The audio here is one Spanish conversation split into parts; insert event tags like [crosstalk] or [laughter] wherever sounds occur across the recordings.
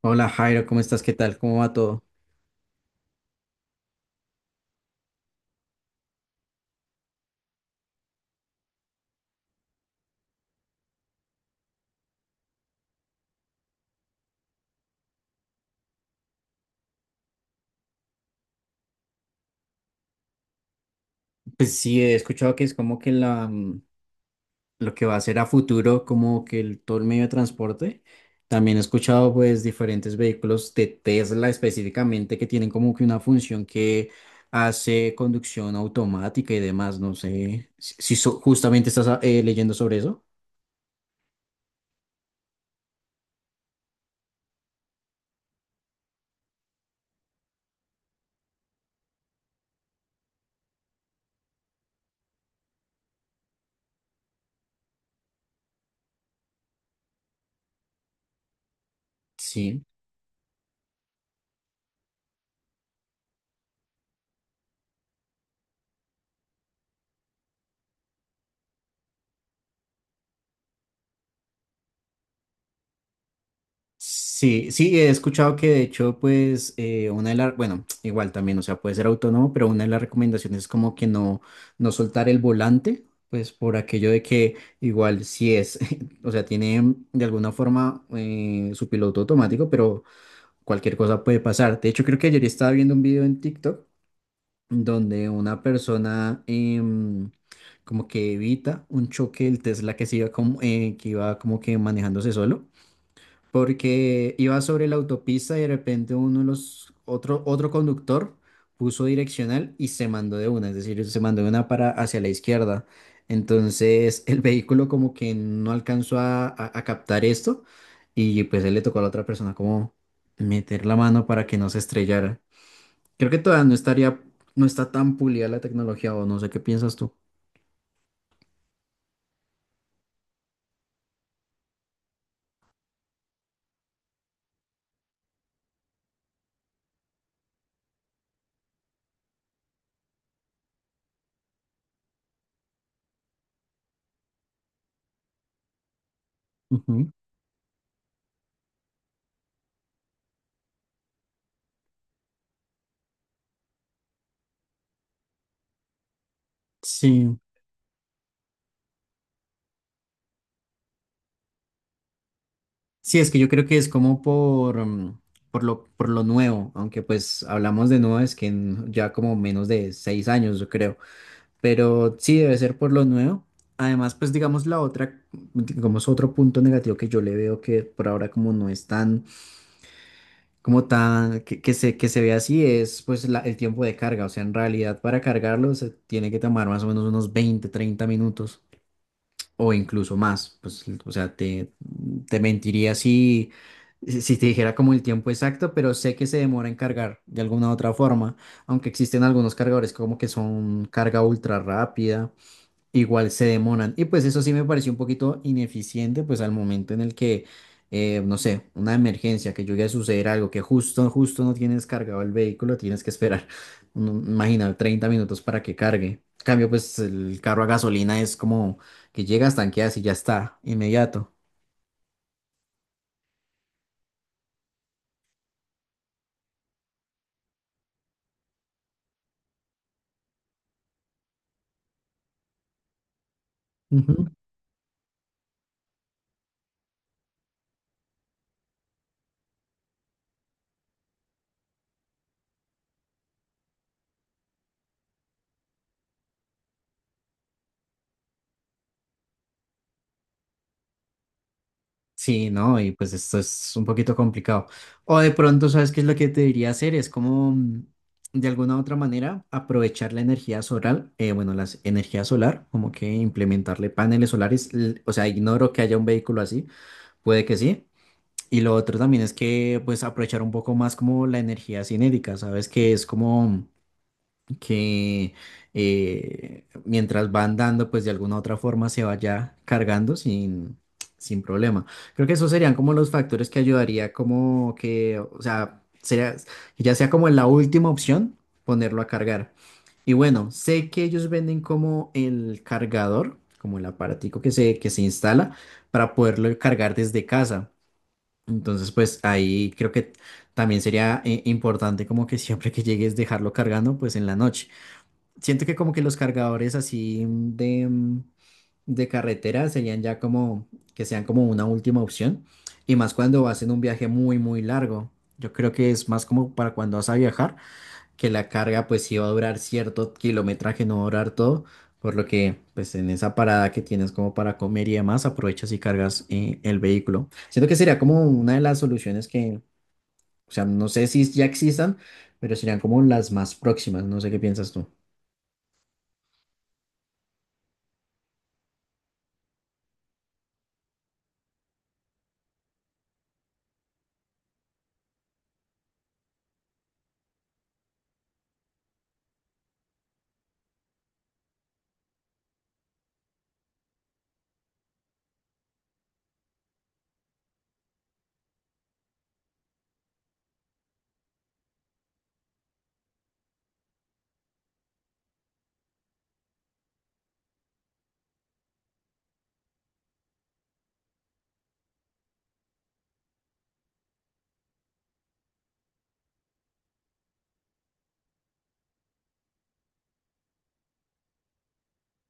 Hola Jairo, ¿cómo estás? ¿Qué tal? ¿Cómo va todo? Pues sí, he escuchado que es como que la lo que va a ser a futuro, como que el, todo el medio de transporte. También he escuchado pues diferentes vehículos de Tesla específicamente que tienen como que una función que hace conducción automática y demás. No sé si justamente estás leyendo sobre eso. Sí. Sí, sí, he escuchado que de hecho, pues, una de las, bueno, igual también, o sea, puede ser autónomo, pero una de las recomendaciones es como que no, no soltar el volante, pues por aquello de que igual si es, [laughs] o sea, tiene de alguna forma su piloto automático, pero cualquier cosa puede pasar. De hecho, creo que ayer estaba viendo un video en TikTok donde una persona como que evita un choque del Tesla que se iba como, que iba como que manejándose solo porque iba sobre la autopista y de repente uno de los otro conductor puso direccional y se mandó de una, es decir, se mandó de una para hacia la izquierda. Entonces el vehículo como que no alcanzó a captar esto y pues él le tocó a la otra persona como meter la mano para que no se estrellara. Creo que todavía no estaría, no está tan pulida la tecnología o no sé qué piensas tú. Ujú. Sí. Sí, es que yo creo que es como por lo nuevo, aunque pues hablamos de nuevo, es que en ya como menos de 6 años, yo creo, pero sí debe ser por lo nuevo. Además, pues digamos la otra, digamos otro punto negativo que yo le veo que por ahora como no es tan, como tan, que se ve así, es pues el tiempo de carga, o sea, en realidad para cargarlo se tiene que tomar más o menos unos 20, 30 minutos o incluso más. Pues, o sea, te mentiría si, si te dijera como el tiempo exacto, pero sé que se demora en cargar de alguna u otra forma, aunque existen algunos cargadores como que son carga ultra rápida. Igual se demoran. Y pues eso sí me pareció un poquito ineficiente, pues al momento en el que, no sé, una emergencia, que llegue a suceder algo, que justo, justo no tienes cargado el vehículo, tienes que esperar, [laughs] no, imagina, 30 minutos para que cargue. En cambio, pues el carro a gasolina es como que llegas, tanqueas y ya está, inmediato. Ujú. Sí, no, y pues esto es un poquito complicado. O de pronto, ¿sabes qué es lo que te diría hacer? Es como, de alguna u otra manera, aprovechar la energía solar, bueno, la energía solar, como que implementarle paneles solares. O sea, ignoro que haya un vehículo así, puede que sí. Y lo otro también es que, pues, aprovechar un poco más como la energía cinética, ¿sabes? Que es como que mientras van dando, pues de alguna u otra forma se vaya cargando sin, sin problema. Creo que esos serían como los factores que ayudaría como que, o sea, sería, que ya sea como en la última opción, ponerlo a cargar. Y bueno, sé que ellos venden como el cargador, como el aparatico que se instala para poderlo cargar desde casa. Entonces, pues ahí creo que también sería importante como que siempre que llegues dejarlo cargando, pues en la noche. Siento que como que los cargadores así, de carretera serían ya como que sean como una última opción. Y más cuando vas en un viaje muy, muy largo. Yo creo que es más como para cuando vas a viajar, que la carga pues sí va a durar cierto kilometraje, no va a durar todo. Por lo que pues en esa parada que tienes como para comer y demás, aprovechas y cargas el vehículo. Siento que sería como una de las soluciones que, o sea, no sé si ya existan, pero serían como las más próximas. No sé qué piensas tú.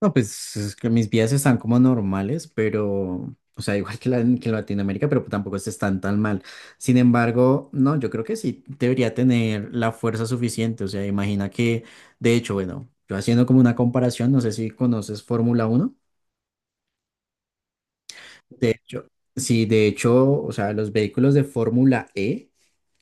No, pues es que mis vidas están como normales, pero, o sea, igual que, la, que en Latinoamérica, pero tampoco están tan mal. Sin embargo, no, yo creo que sí debería tener la fuerza suficiente. O sea, imagina que, de hecho, bueno, yo haciendo como una comparación, no sé si conoces Fórmula Uno. De hecho, sí, de hecho, o sea, los vehículos de Fórmula E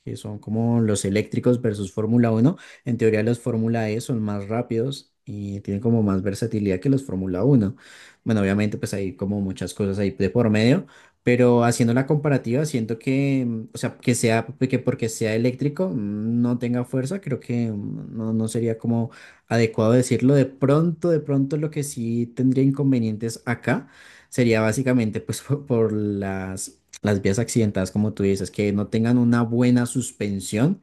que son como los eléctricos versus Fórmula Uno. En teoría los Fórmula E son más rápidos y tienen como más versatilidad que los Fórmula Uno. Bueno, obviamente pues hay como muchas cosas ahí de por medio, pero haciendo la comparativa siento que, o sea, que porque sea eléctrico no tenga fuerza, creo que no, no sería como adecuado decirlo. De pronto lo que sí tendría inconvenientes acá. Sería básicamente pues [laughs] por las vías accidentadas, como tú dices, que no tengan una buena suspensión,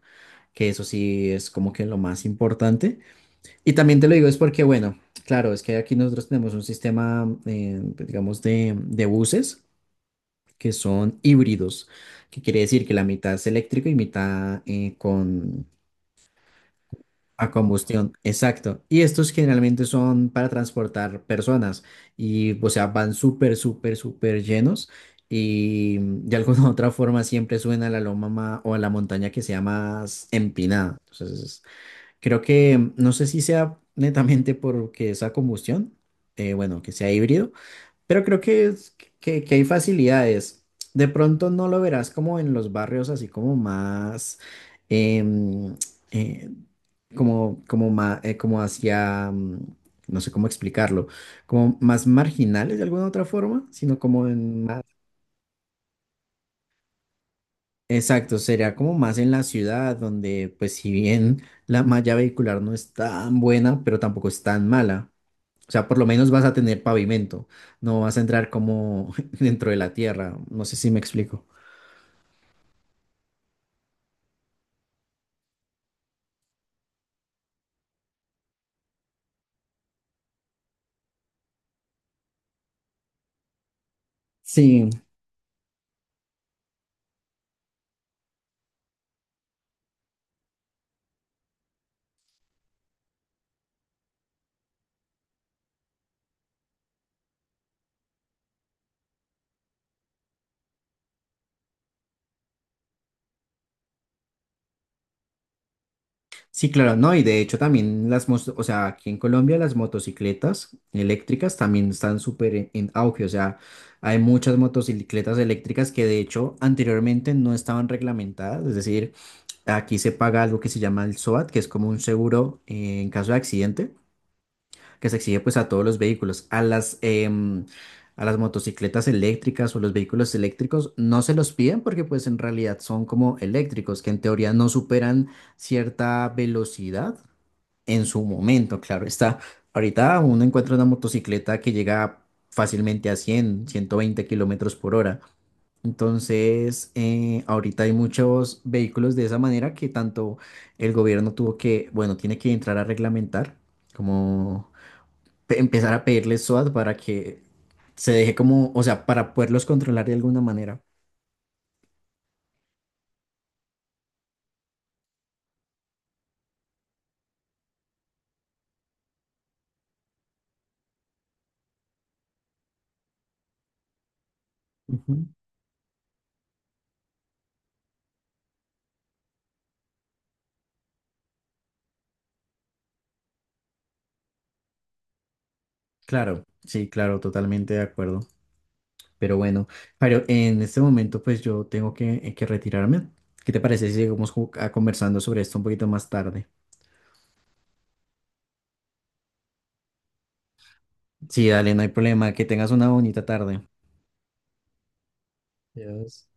que eso sí es como que lo más importante. Y también te lo digo es porque, bueno, claro, es que aquí nosotros tenemos un sistema, digamos, de buses que son híbridos, que quiere decir que la mitad es eléctrico y mitad con a combustión, exacto. Y estos generalmente son para transportar personas y, o sea, van súper, súper, súper llenos y de [laughs] alguna u otra forma siempre suben a la o a la montaña que sea más empinada. Entonces, creo que no sé si sea netamente porque esa combustión, bueno, que sea híbrido, pero creo que, que hay facilidades. De pronto no lo verás como en los barrios así como más, em, eh, como, como hacia, no sé cómo explicarlo, como más marginales de alguna otra forma, sino como en más... Exacto, sería como más en la ciudad, donde pues si bien la malla vehicular no es tan buena, pero tampoco es tan mala. O sea, por lo menos vas a tener pavimento, no vas a entrar como [laughs] dentro de la tierra. No sé si me explico. Sí, sí, claro, no, y de hecho también o sea, aquí en Colombia las motocicletas eléctricas también están súper en auge, o sea, hay muchas motocicletas eléctricas que de hecho anteriormente no estaban reglamentadas, es decir, aquí se paga algo que se llama el SOAT, que es como un seguro en caso de accidente, que se exige pues a todos los vehículos. A las motocicletas eléctricas o los vehículos eléctricos no se los piden porque pues en realidad son como eléctricos, que en teoría no superan cierta velocidad en su momento, claro está. Ahorita uno encuentra una motocicleta que llega fácilmente a 100, 120 km/h. Entonces, ahorita hay muchos vehículos de esa manera que tanto el gobierno tuvo que, bueno, tiene que entrar a reglamentar, como empezar a pedirles SWAT para que se deje como, o sea, para poderlos controlar de alguna manera. Ujú. Claro, sí, claro, totalmente de acuerdo. Pero bueno, Jairo, en este momento pues yo tengo que retirarme. ¿Qué te parece si seguimos conversando sobre esto un poquito más tarde? Sí, dale, no hay problema. Que tengas una bonita tarde. Adiós.